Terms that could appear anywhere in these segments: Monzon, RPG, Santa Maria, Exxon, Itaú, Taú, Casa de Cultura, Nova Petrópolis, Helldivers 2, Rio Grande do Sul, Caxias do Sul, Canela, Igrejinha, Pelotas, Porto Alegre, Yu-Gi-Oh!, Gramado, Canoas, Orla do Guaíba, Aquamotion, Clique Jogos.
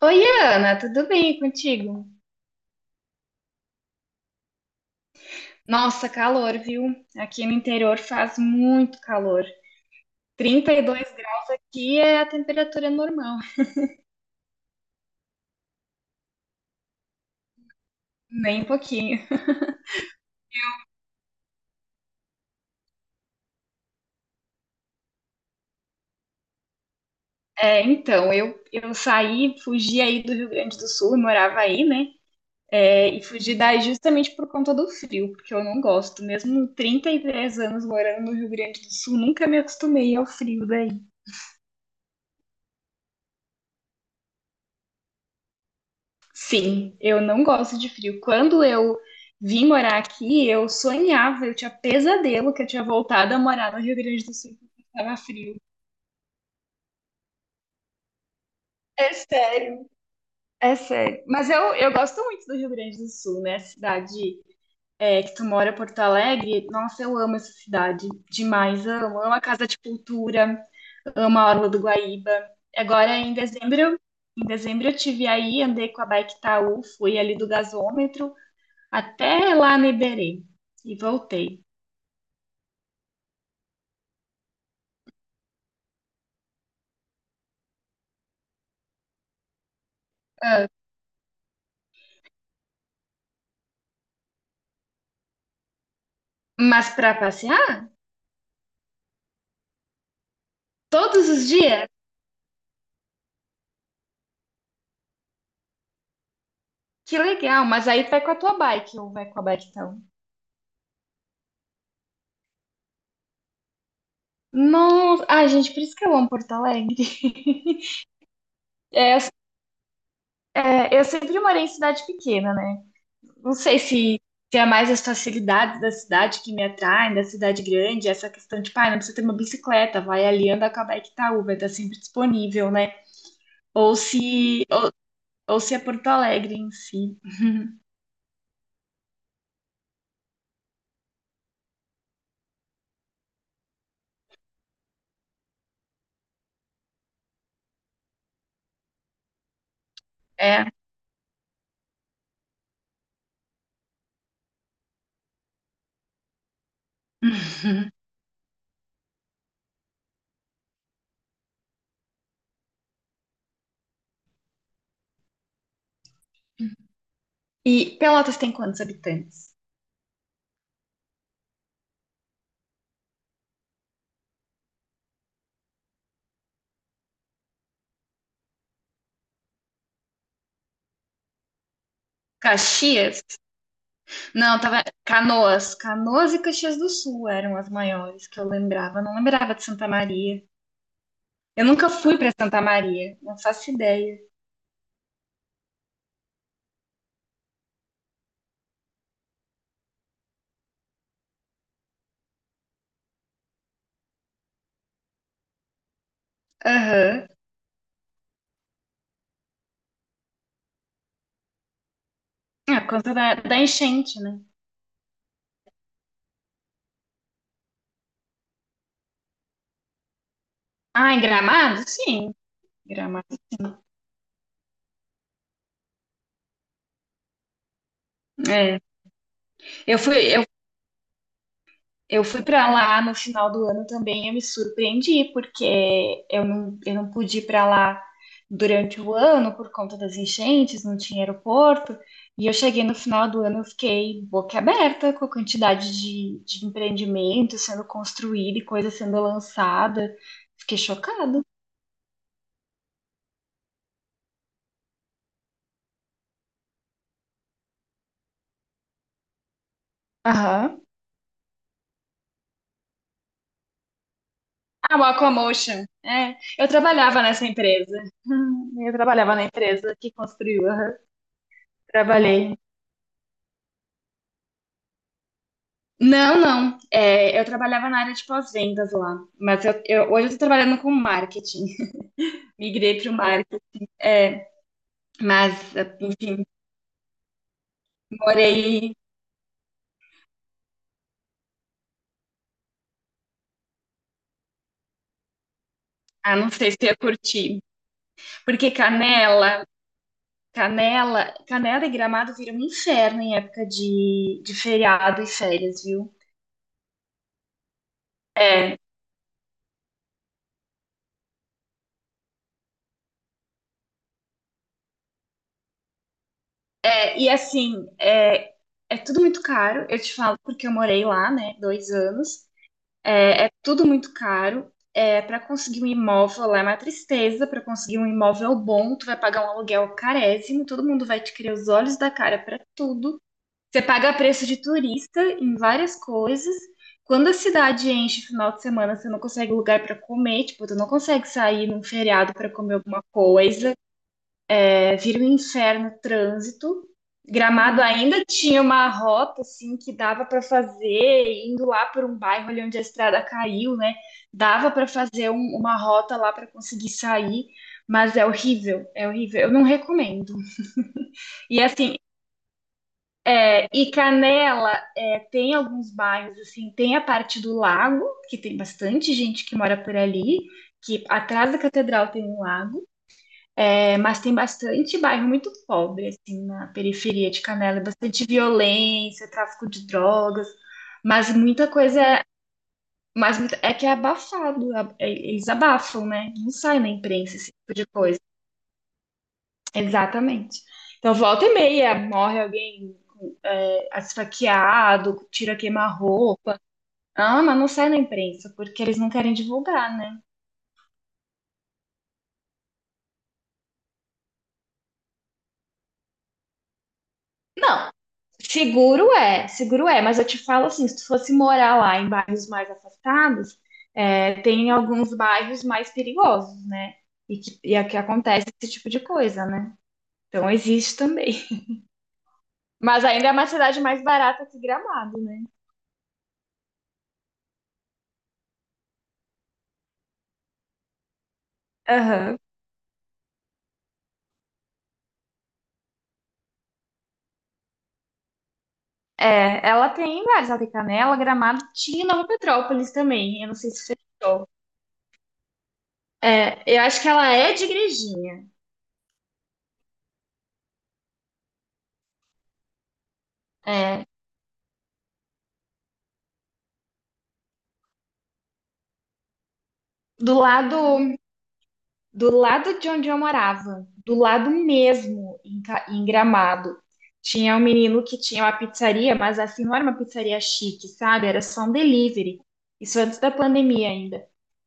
Oi, Ana, tudo bem contigo? Nossa, calor, viu? Aqui no interior faz muito calor. 32 graus aqui é a temperatura normal. Nem um pouquinho. Então, eu saí, fugi aí do Rio Grande do Sul, eu morava aí, né? É, e fugi daí justamente por conta do frio, porque eu não gosto. Mesmo 33 anos morando no Rio Grande do Sul, nunca me acostumei ao frio daí. Sim, eu não gosto de frio. Quando eu vim morar aqui, eu sonhava, eu tinha pesadelo que eu tinha voltado a morar no Rio Grande do Sul porque estava frio. É sério, é sério. Mas eu gosto muito do Rio Grande do Sul, né? Cidade é, que tu mora, Porto Alegre. Nossa, eu amo essa cidade demais. Amo. Amo a Casa de Cultura, amo a Orla do Guaíba. Agora, em dezembro eu tive aí, andei com a bike Taú, fui ali do gasômetro, até lá no Iberê e voltei. Ah, mas pra passear? Todos os dias? Que legal, mas aí vai com a tua bike ou vai com a bike então? Nossa, ai gente, por isso que eu amo Porto Alegre. É, eu sempre morei em cidade pequena, né? Não sei se, se é mais as facilidades da cidade que me atraem, da cidade grande, essa questão de, pai, não precisa ter uma bicicleta, vai ali anda com a bike Itaú, vai estar sempre disponível, né? Ou se, ou, ou se é Porto Alegre em si. É. E Pelotas tem quantos habitantes? Caxias? Não, tava. Canoas. Canoas e Caxias do Sul eram as maiores que eu lembrava. Eu não lembrava de Santa Maria. Eu nunca fui pra Santa Maria. Não faço ideia. Aham. Ah, por conta da, da enchente, né? Ah, em Gramado? Sim. Gramado. É. Eu fui, eu fui para lá no final do ano também, eu me surpreendi, porque eu não pude ir para lá durante o ano por conta das enchentes, não tinha aeroporto. E eu cheguei no final do ano, eu fiquei boca aberta com a quantidade de empreendimento sendo construído e coisa sendo lançada. Fiquei chocada. Aham. Ah, o Aquamotion. É, eu trabalhava nessa empresa. Eu trabalhava na empresa que construiu. Aham. Trabalhei. Não, não. É, eu trabalhava na área de pós-vendas lá, mas eu- hoje eu estou trabalhando com marketing. Migrei para o marketing, é, mas enfim, morei. Ah, não sei se eu ia curtir, porque Canela, Canela, Canela e Gramado viram um inferno em época de feriado e férias, viu? É, é, e assim, é, é tudo muito caro. Eu te falo porque eu morei lá, né, 2 anos. É é tudo muito caro. É, para conseguir um imóvel lá é uma tristeza. Para conseguir um imóvel bom, tu vai pagar um aluguel carésimo. Todo mundo vai te querer os olhos da cara para tudo. Você paga preço de turista em várias coisas. Quando a cidade enche final de semana, você não consegue lugar para comer, tipo, tu não consegue sair num feriado para comer alguma coisa é, vira um inferno o trânsito. Gramado ainda tinha uma rota assim que dava para fazer indo lá por um bairro ali onde a estrada caiu, né? Dava para fazer uma rota lá para conseguir sair, mas é horrível, é horrível. Eu não recomendo. E assim, é, e Canela é, tem alguns bairros assim, tem a parte do lago que tem bastante gente que mora por ali, que atrás da catedral tem um lago. É, mas tem bastante bairro muito pobre, assim, na periferia de Canela, bastante violência, tráfico de drogas, mas muita coisa é, mas é que é abafado, eles abafam, né? Não sai na imprensa esse tipo de coisa. Exatamente. Então, volta e meia, morre alguém é, esfaqueado, tira queima-roupa. Ah, mas não sai na imprensa, porque eles não querem divulgar, né? Não, seguro é, seguro é, mas eu te falo assim, se tu fosse morar lá em bairros mais afastados, é, tem alguns bairros mais perigosos, né? E que, e é que acontece esse tipo de coisa, né? Então existe também. Mas ainda é uma cidade mais barata que Gramado, né? Aham. É, ela tem várias, ela tem Canela, Gramado, tinha Nova Petrópolis também, eu não sei se fechou. É, eu acho que ela é de Igrejinha, é, do lado do lado de onde eu morava, do lado mesmo, em, em Gramado, tinha um menino que tinha uma pizzaria, mas assim, não era uma pizzaria chique, sabe? Era só um delivery. Isso antes da pandemia ainda.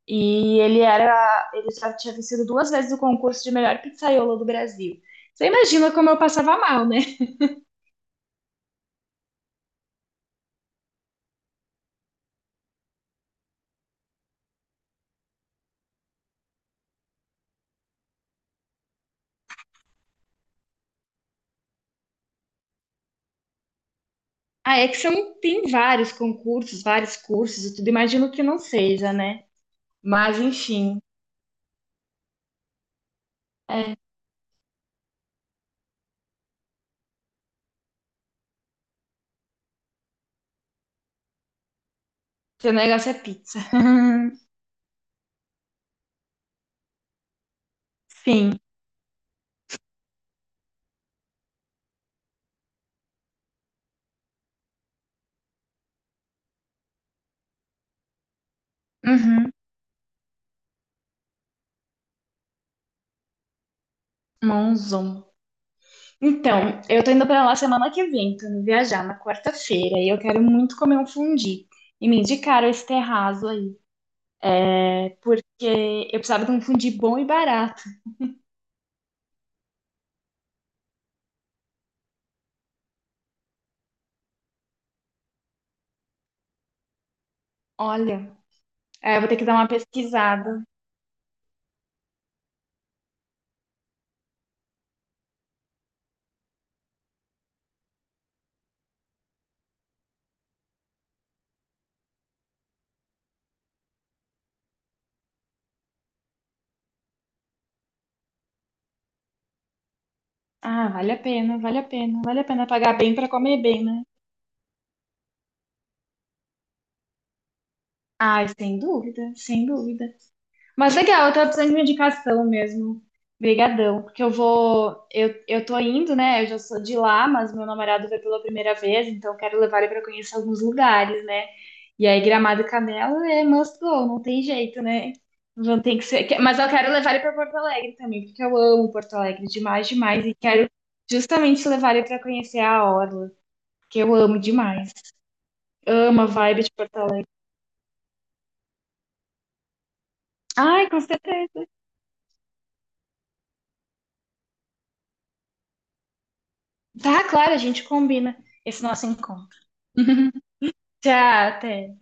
E ele era, ele já tinha vencido 2 vezes o concurso de melhor pizzaiolo do Brasil. Você imagina como eu passava mal, né? A Exxon tem vários concursos, vários cursos e tudo. Imagino que não seja, né? Mas enfim, é, seu negócio é pizza. Sim. Uhum. Monzon. Então, eu tô indo pra lá semana que vem, tô indo viajar na quarta-feira e eu quero muito comer um fundi. E me indicaram esse terraço aí, porque eu precisava de um fundi bom e barato. Olha, aí eu vou ter que dar uma pesquisada. Ah, vale a pena, vale a pena, vale a pena pagar bem pra comer bem, né? Ai, sem dúvida, sem dúvida. Mas legal, eu tava precisando de uma indicação mesmo. Obrigadão, porque eu vou, eu tô indo, né? Eu já sou de lá, mas meu namorado veio pela primeira vez, então eu quero levar ele pra conhecer alguns lugares, né? E aí Gramado e Canela é must go, não tem jeito, né? Vão ter que ser, mas eu quero levar ele pra Porto Alegre também, porque eu amo Porto Alegre demais, demais e quero justamente levar ele pra conhecer a orla, que eu amo demais. Amo a vibe de Porto Alegre. Ai, com certeza. Tá, claro, a gente combina esse nosso encontro. Tchau, até.